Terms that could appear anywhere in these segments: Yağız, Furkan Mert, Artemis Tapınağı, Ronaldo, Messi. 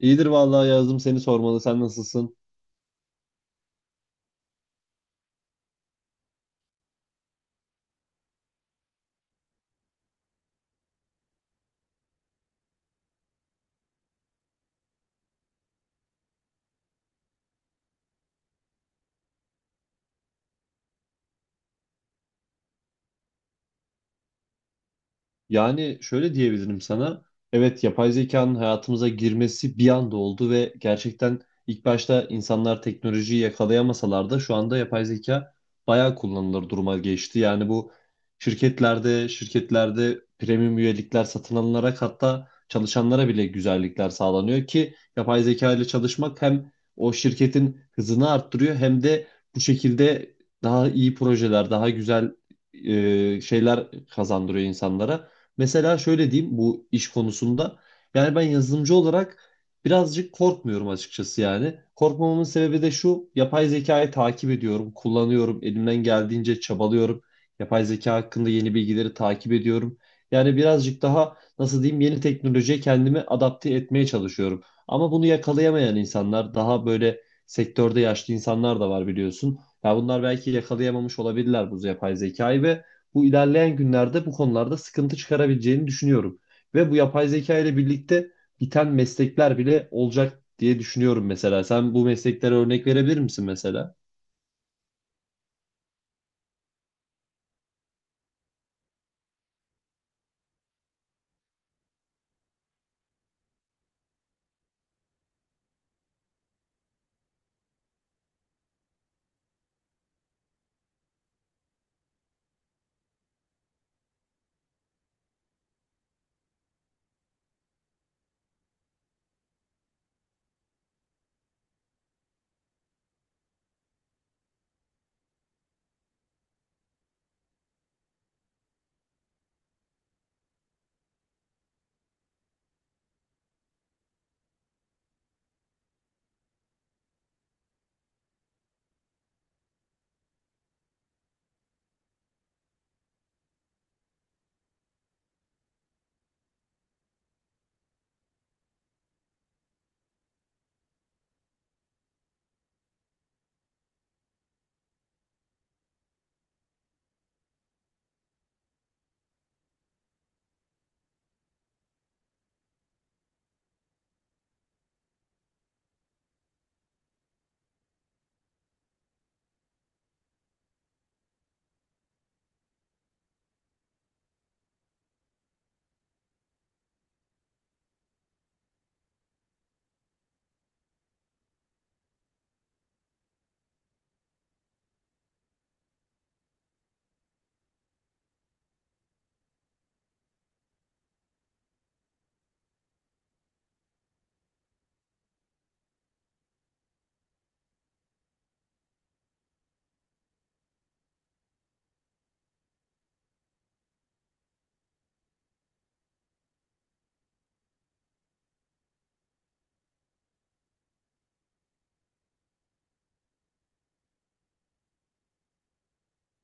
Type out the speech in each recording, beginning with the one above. İyidir vallahi yazdım seni sormalı. Sen nasılsın? Yani şöyle diyebilirim sana. Evet yapay zekanın hayatımıza girmesi bir anda oldu ve gerçekten ilk başta insanlar teknolojiyi yakalayamasalar da şu anda yapay zeka bayağı kullanılır duruma geçti. Yani bu şirketlerde premium üyelikler satın alınarak hatta çalışanlara bile güzellikler sağlanıyor ki yapay zeka ile çalışmak hem o şirketin hızını arttırıyor, hem de bu şekilde daha iyi projeler, daha güzel şeyler kazandırıyor insanlara. Mesela şöyle diyeyim bu iş konusunda. Yani ben yazılımcı olarak birazcık korkmuyorum açıkçası yani. Korkmamamın sebebi de şu: yapay zekayı takip ediyorum, kullanıyorum, elimden geldiğince çabalıyorum. Yapay zeka hakkında yeni bilgileri takip ediyorum. Yani birazcık daha nasıl diyeyim, yeni teknolojiye kendimi adapte etmeye çalışıyorum. Ama bunu yakalayamayan insanlar, daha böyle sektörde yaşlı insanlar da var biliyorsun. Ya bunlar belki yakalayamamış olabilirler bu yapay zekayı ve bu ilerleyen günlerde bu konularda sıkıntı çıkarabileceğini düşünüyorum. Ve bu yapay zeka ile birlikte biten meslekler bile olacak diye düşünüyorum mesela. Sen bu mesleklere örnek verebilir misin mesela?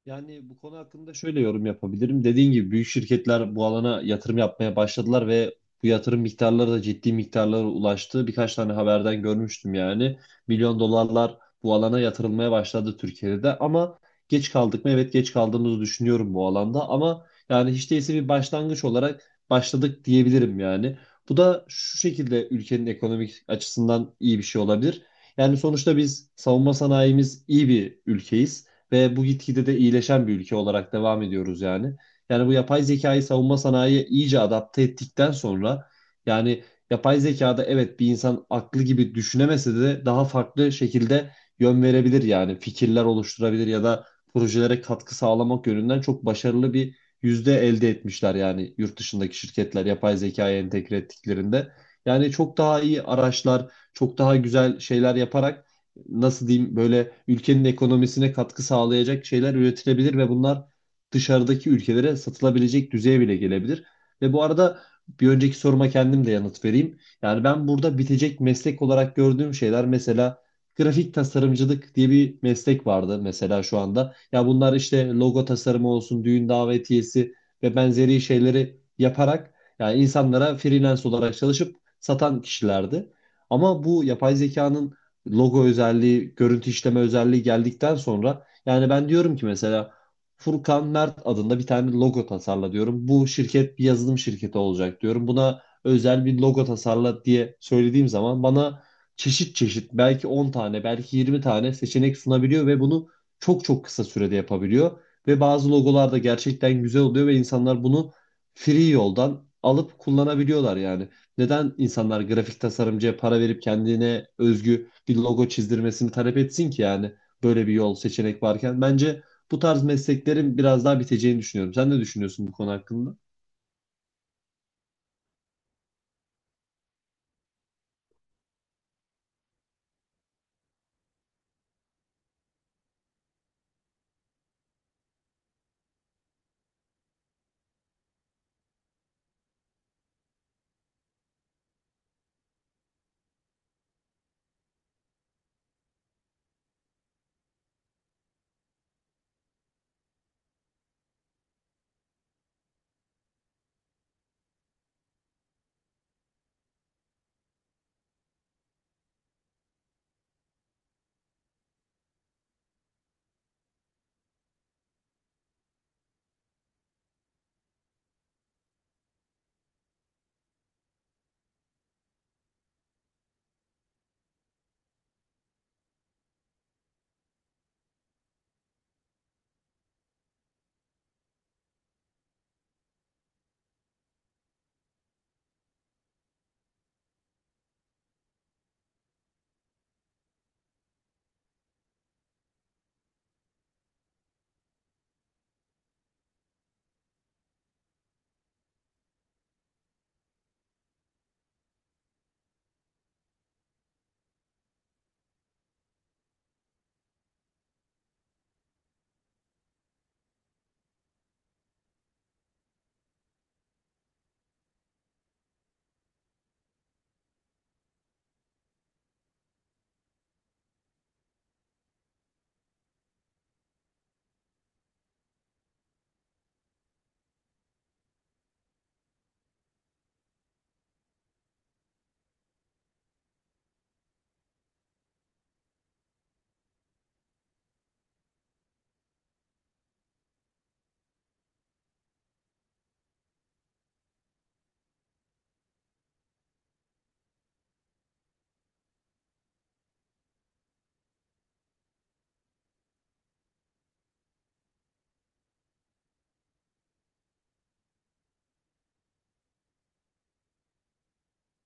Yani bu konu hakkında şöyle yorum yapabilirim. Dediğin gibi büyük şirketler bu alana yatırım yapmaya başladılar ve bu yatırım miktarları da ciddi miktarlara ulaştı. Birkaç tane haberden görmüştüm yani. Milyon dolarlar bu alana yatırılmaya başladı Türkiye'de de, ama geç kaldık mı? Evet, geç kaldığımızı düşünüyorum bu alanda, ama yani hiç değilse bir başlangıç olarak başladık diyebilirim yani. Bu da şu şekilde ülkenin ekonomik açısından iyi bir şey olabilir. Yani sonuçta biz savunma sanayimiz iyi bir ülkeyiz ve bu gitgide de iyileşen bir ülke olarak devam ediyoruz yani. Yani bu yapay zekayı savunma sanayiye iyice adapte ettikten sonra yani yapay zekada, evet, bir insan aklı gibi düşünemese de daha farklı şekilde yön verebilir, yani fikirler oluşturabilir ya da projelere katkı sağlamak yönünden çok başarılı bir yüzde elde etmişler yani, yurt dışındaki şirketler yapay zekaya entegre ettiklerinde. Yani çok daha iyi araçlar, çok daha güzel şeyler yaparak, nasıl diyeyim, böyle ülkenin ekonomisine katkı sağlayacak şeyler üretilebilir ve bunlar dışarıdaki ülkelere satılabilecek düzeye bile gelebilir. Ve bu arada, bir önceki soruma kendim de yanıt vereyim. Yani ben burada bitecek meslek olarak gördüğüm şeyler, mesela grafik tasarımcılık diye bir meslek vardı mesela şu anda. Ya bunlar işte logo tasarımı olsun, düğün davetiyesi ve benzeri şeyleri yaparak yani insanlara freelance olarak çalışıp satan kişilerdi. Ama bu yapay zekanın logo özelliği, görüntü işleme özelliği geldikten sonra yani ben diyorum ki mesela, Furkan Mert adında bir tane logo tasarla diyorum. Bu şirket bir yazılım şirketi olacak diyorum. Buna özel bir logo tasarla diye söylediğim zaman bana çeşit çeşit, belki 10 tane, belki 20 tane seçenek sunabiliyor ve bunu çok çok kısa sürede yapabiliyor. Ve bazı logolar da gerçekten güzel oluyor ve insanlar bunu free yoldan alıp kullanabiliyorlar yani. Neden insanlar grafik tasarımcıya para verip kendine özgü bir logo çizdirmesini talep etsin ki yani, böyle bir yol seçenek varken? Bence bu tarz mesleklerin biraz daha biteceğini düşünüyorum. Sen ne düşünüyorsun bu konu hakkında?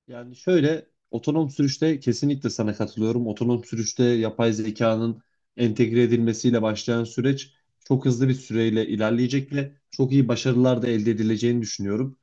Yani, şöyle otonom sürüşte kesinlikle sana katılıyorum. Otonom sürüşte yapay zekanın entegre edilmesiyle başlayan süreç çok hızlı bir süreyle ilerleyecek ve çok iyi başarılar da elde edileceğini düşünüyorum.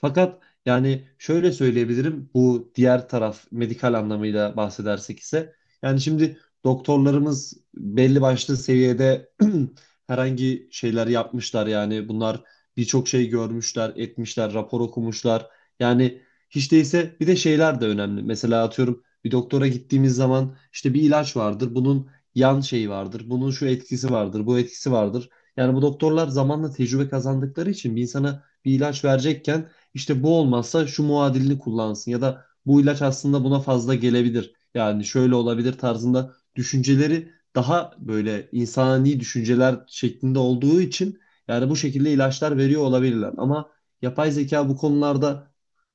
Fakat yani şöyle söyleyebilirim, bu diğer taraf medikal anlamıyla bahsedersek ise yani şimdi doktorlarımız belli başlı seviyede herhangi şeyler yapmışlar, yani bunlar birçok şey görmüşler, etmişler, rapor okumuşlar. Yani hiç değilse bir de şeyler de önemli. Mesela atıyorum, bir doktora gittiğimiz zaman işte bir ilaç vardır. Bunun yan şeyi vardır. Bunun şu etkisi vardır, bu etkisi vardır. Yani bu doktorlar zamanla tecrübe kazandıkları için bir insana bir ilaç verecekken işte bu olmazsa şu muadilini kullansın ya da bu ilaç aslında buna fazla gelebilir, yani şöyle olabilir tarzında düşünceleri daha böyle insani düşünceler şeklinde olduğu için yani bu şekilde ilaçlar veriyor olabilirler. Ama yapay zeka bu konularda,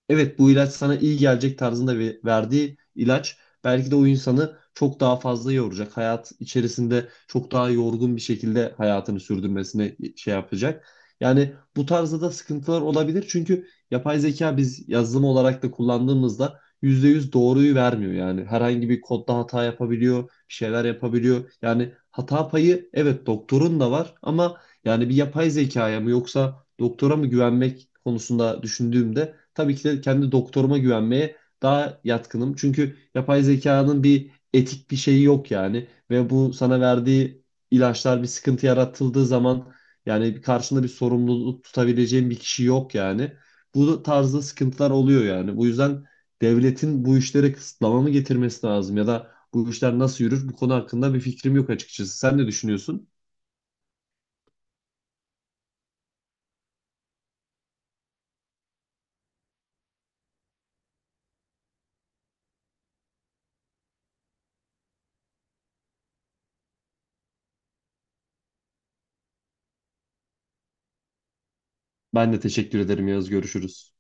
evet bu ilaç sana iyi gelecek tarzında verdiği ilaç belki de o insanı çok daha fazla yoracak. Hayat içerisinde çok daha yorgun bir şekilde hayatını sürdürmesine şey yapacak. Yani bu tarzda da sıkıntılar olabilir. Çünkü yapay zeka biz yazılım olarak da kullandığımızda %100 doğruyu vermiyor. Yani herhangi bir kodda hata yapabiliyor, bir şeyler yapabiliyor. Yani hata payı, evet, doktorun da var, ama yani bir yapay zekaya mı yoksa doktora mı güvenmek konusunda düşündüğümde tabii ki de kendi doktoruma güvenmeye daha yatkınım. Çünkü yapay zekanın bir etik bir şeyi yok yani. Ve bu sana verdiği ilaçlar bir sıkıntı yaratıldığı zaman yani karşında bir sorumluluk tutabileceğin bir kişi yok yani. Bu tarzda sıkıntılar oluyor yani. Bu yüzden devletin bu işlere kısıtlama mı getirmesi lazım ya da bu işler nasıl yürür, bu konu hakkında bir fikrim yok açıkçası. Sen ne düşünüyorsun? Ben de teşekkür ederim Yağız. Görüşürüz.